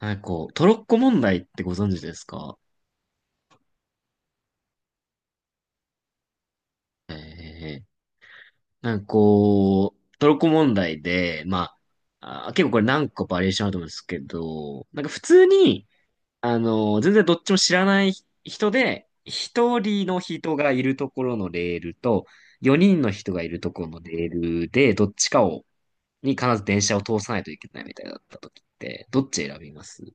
なんかこう、トロッコ問題ってご存知ですか？ええ。なんかこう、トロッコ問題で、まあ、結構これ何個バリエーションあると思うんですけど、なんか普通に、全然どっちも知らない人で、一人の人がいるところのレールと、四人の人がいるところのレールで、どっちかを、に必ず電車を通さないといけないみたいだった時って、どっち選びます？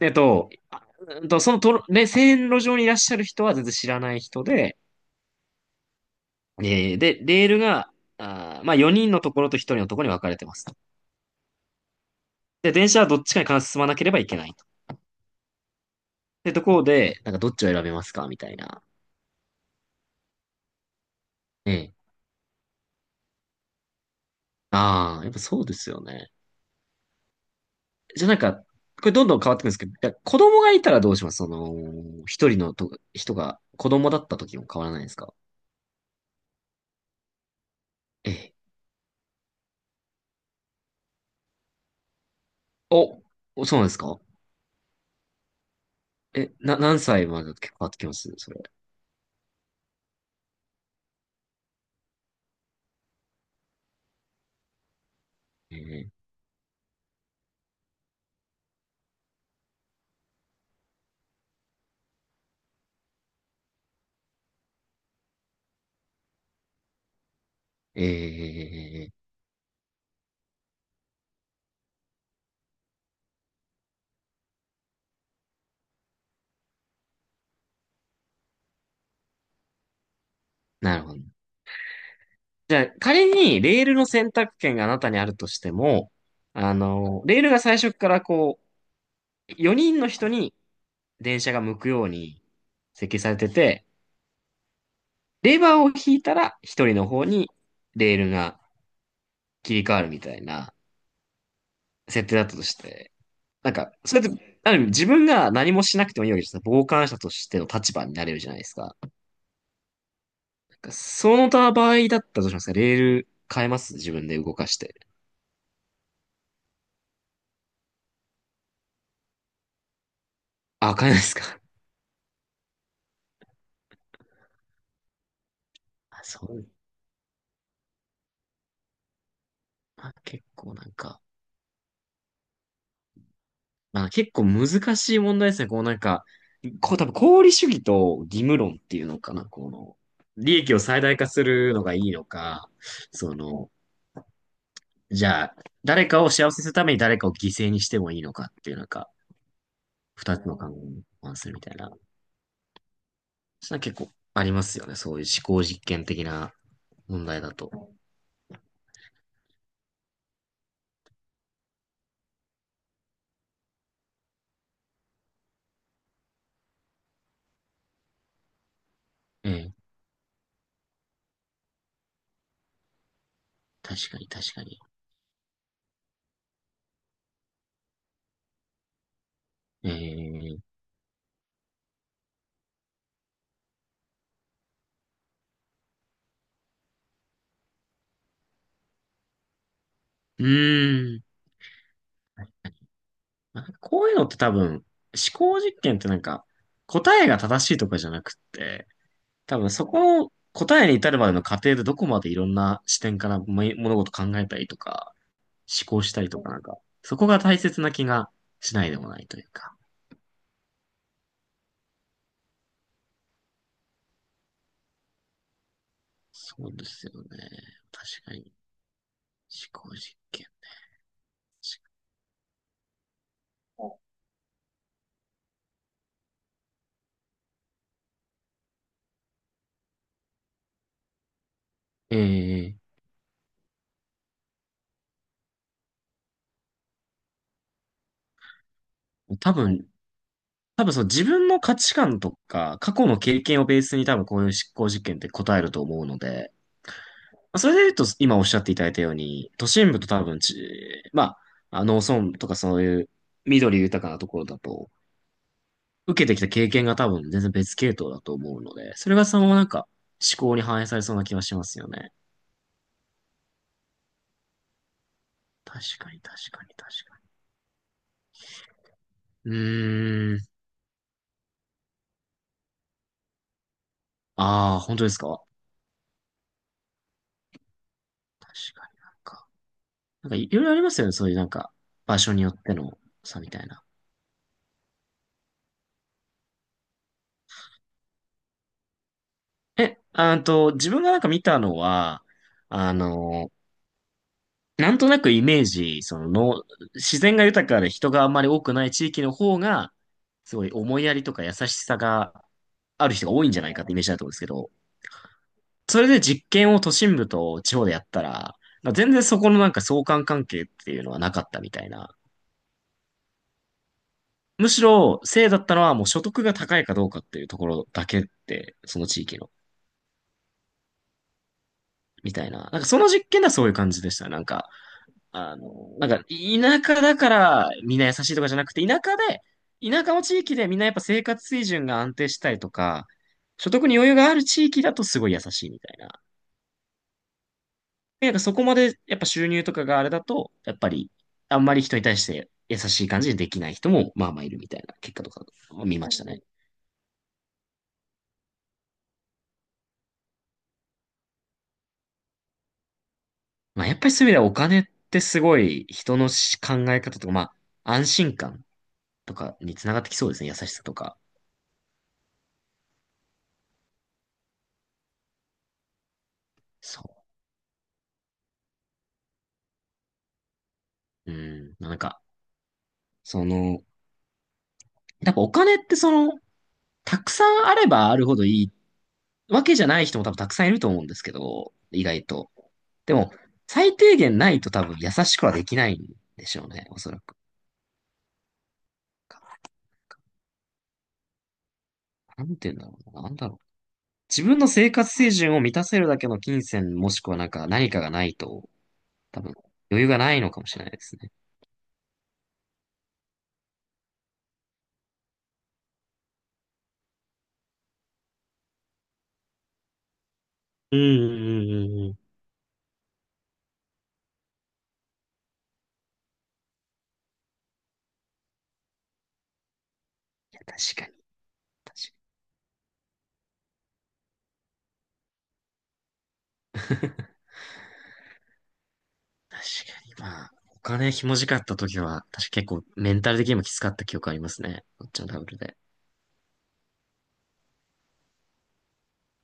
えっと、あそのトロ、ね、線路上にいらっしゃる人は全然知らない人で、で、レールが、まあ、4人のところと1人のところに分かれてますと。で、電車はどっちかに必ず進まなければいけないと。で、ところで、なんかどっちを選べますかみたいな。ええ。ああ、やっぱそうですよね。じゃあなんか、これどんどん変わってくるんですけど、いや子供がいたらどうします一人のと人が子供だった時も変わらないですか？ええ。お、そうなんですか？何歳までだと結構変わってきますそれ？ええ。ええ。なるほど。じゃあ、仮にレールの選択権があなたにあるとしても、レールが最初からこう、4人の人に電車が向くように設計されてて、レバーを引いたら1人の方にレールが切り替わるみたいな設定だったとして、なんか、それって、ある意味自分が何もしなくてもいいわけですよ。傍観者としての立場になれるじゃないですか。なんかその他場合だったらどうしますか？レール変えます？自分で動かして。あ、変えないですか？あ、そう。あ、結構なんか。まあ結構難しい問題ですね。こうなんか、こう多分功利主義と義務論っていうのかな。利益を最大化するのがいいのか、その、じゃあ、誰かを幸せにするために誰かを犠牲にしてもいいのかっていうなんか、二つの考えに反するみたいな。そんな結構ありますよね。そういう思考実験的な問題だと。ええ、確かに確かに。ええ、うーん。なんかこういうのって多分、思考実験ってなんか、答えが正しいとかじゃなくって、多分そこの答えに至るまでの過程でどこまでいろんな視点からも物事考えたりとか、思考したりとかなんか、そこが大切な気がしないでもないというか。そうですよね。確かに。思考実験。ええ。多分、多分そう自分の価値観とか、過去の経験をベースに多分こういう思考実験って答えると思うので、まあそれで言うと今おっしゃっていただいたように、都心部と多分まあ、農村とかそういう緑豊かなところだと、受けてきた経験が多分全然別系統だと思うので、それがそのままなんか思考に反映されそうな気がしますよね。確かに確かに確かに。うーん。ああ、本当ですか？確かになんか。なんかいろいろありますよね。そういうなんか場所によっての差みたいな。え、あーと、自分がなんか見たのは、あの、なんとなくイメージ、そのの、自然が豊かで人があんまり多くない地域の方が、すごい思いやりとか優しさがある人が多いんじゃないかってイメージだと思うんですけど、それで実験を都心部と地方でやったら、まあ全然そこのなんか相関関係っていうのはなかったみたいな。むしろ、せいだったのはもう所得が高いかどうかっていうところだけって、その地域の。みたいな。なんかその実験ではそういう感じでした。なんか、あの、なんか田舎だからみんな優しいとかじゃなくて、田舎の地域でみんなやっぱ生活水準が安定したりとか、所得に余裕がある地域だとすごい優しいみたいな。なんかそこまでやっぱ収入とかがあれだと、やっぱりあんまり人に対して優しい感じでできない人もまあまあいるみたいな結果とかを見ましたね。まあやっぱりそういう意味ではお金ってすごい人の考え方とか、まあ安心感とかにつながってきそうですね。優しさとか。そう。うん。なんか、その、やっぱお金ってたくさんあればあるほどいいわけじゃない人も多分たくさんいると思うんですけど、意外と。でも、最低限ないと多分優しくはできないんでしょうね。おそらく。なんて言うんだろうな。なんだろう。自分の生活水準を満たせるだけの金銭もしくはなんか何かがないと、多分余裕がないのかもしれないですね。うんうんうんうん。いや、確かに、確かに確かに、まあ、お金ひもじかった時は、確か結構メンタル的にもきつかった記憶ありますね。こっちのダブルで。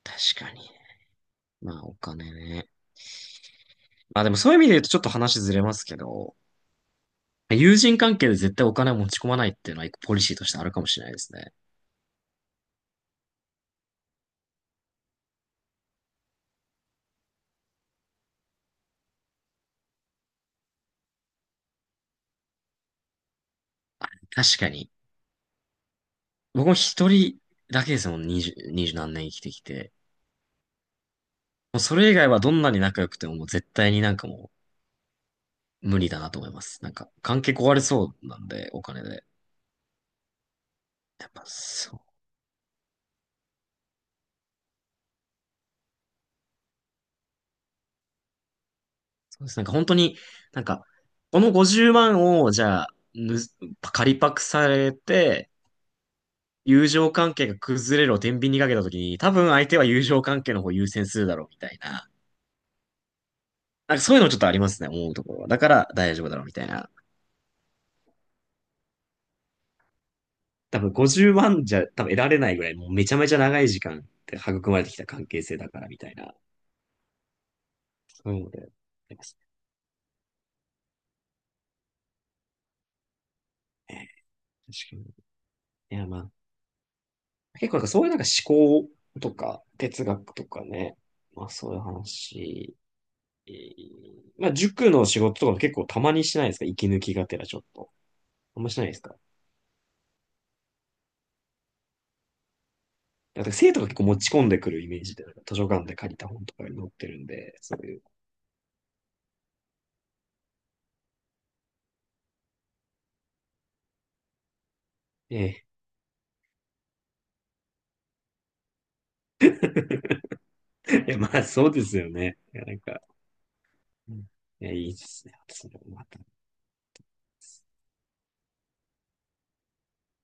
確かに。まあ、お金ね。まあでもそういう意味で言うとちょっと話ずれますけど、友人関係で絶対お金を持ち込まないっていうのは一個ポリシーとしてあるかもしれないですね。確かに。僕も一人だけですもん、二十何年生きてきて。もうそれ以外はどんなに仲良くてももう絶対になんかもう無理だなと思います。なんか関係壊れそうなんで、お金で。やっぱそうです。なんか本当に、なんか、この50万をじゃあ、借りパクされて、友情関係が崩れるを天秤にかけたときに、多分相手は友情関係の方を優先するだろうみたいな。なんかそういうのちょっとありますね、思うところは。だから大丈夫だろうみたいな。多分50万じゃ多分得られないぐらい、もうめちゃめちゃ長い時間って育まれてきた関係性だからみたいな、そういうので、ありますね。確かに。いや、まあ、結構なんかそういうなんか思考とか哲学とかね、まあそういう話、えーまあ塾の仕事とかも結構たまにしないですか？息抜きがてらちょっと。あんましないですか？だから生徒が結構持ち込んでくるイメージで、なんか図書館で借りた本とかに載ってるんで、そういう。ええ。いや、まあそうですよね。いや、なんか、うん、いや、いいですね。それもまた。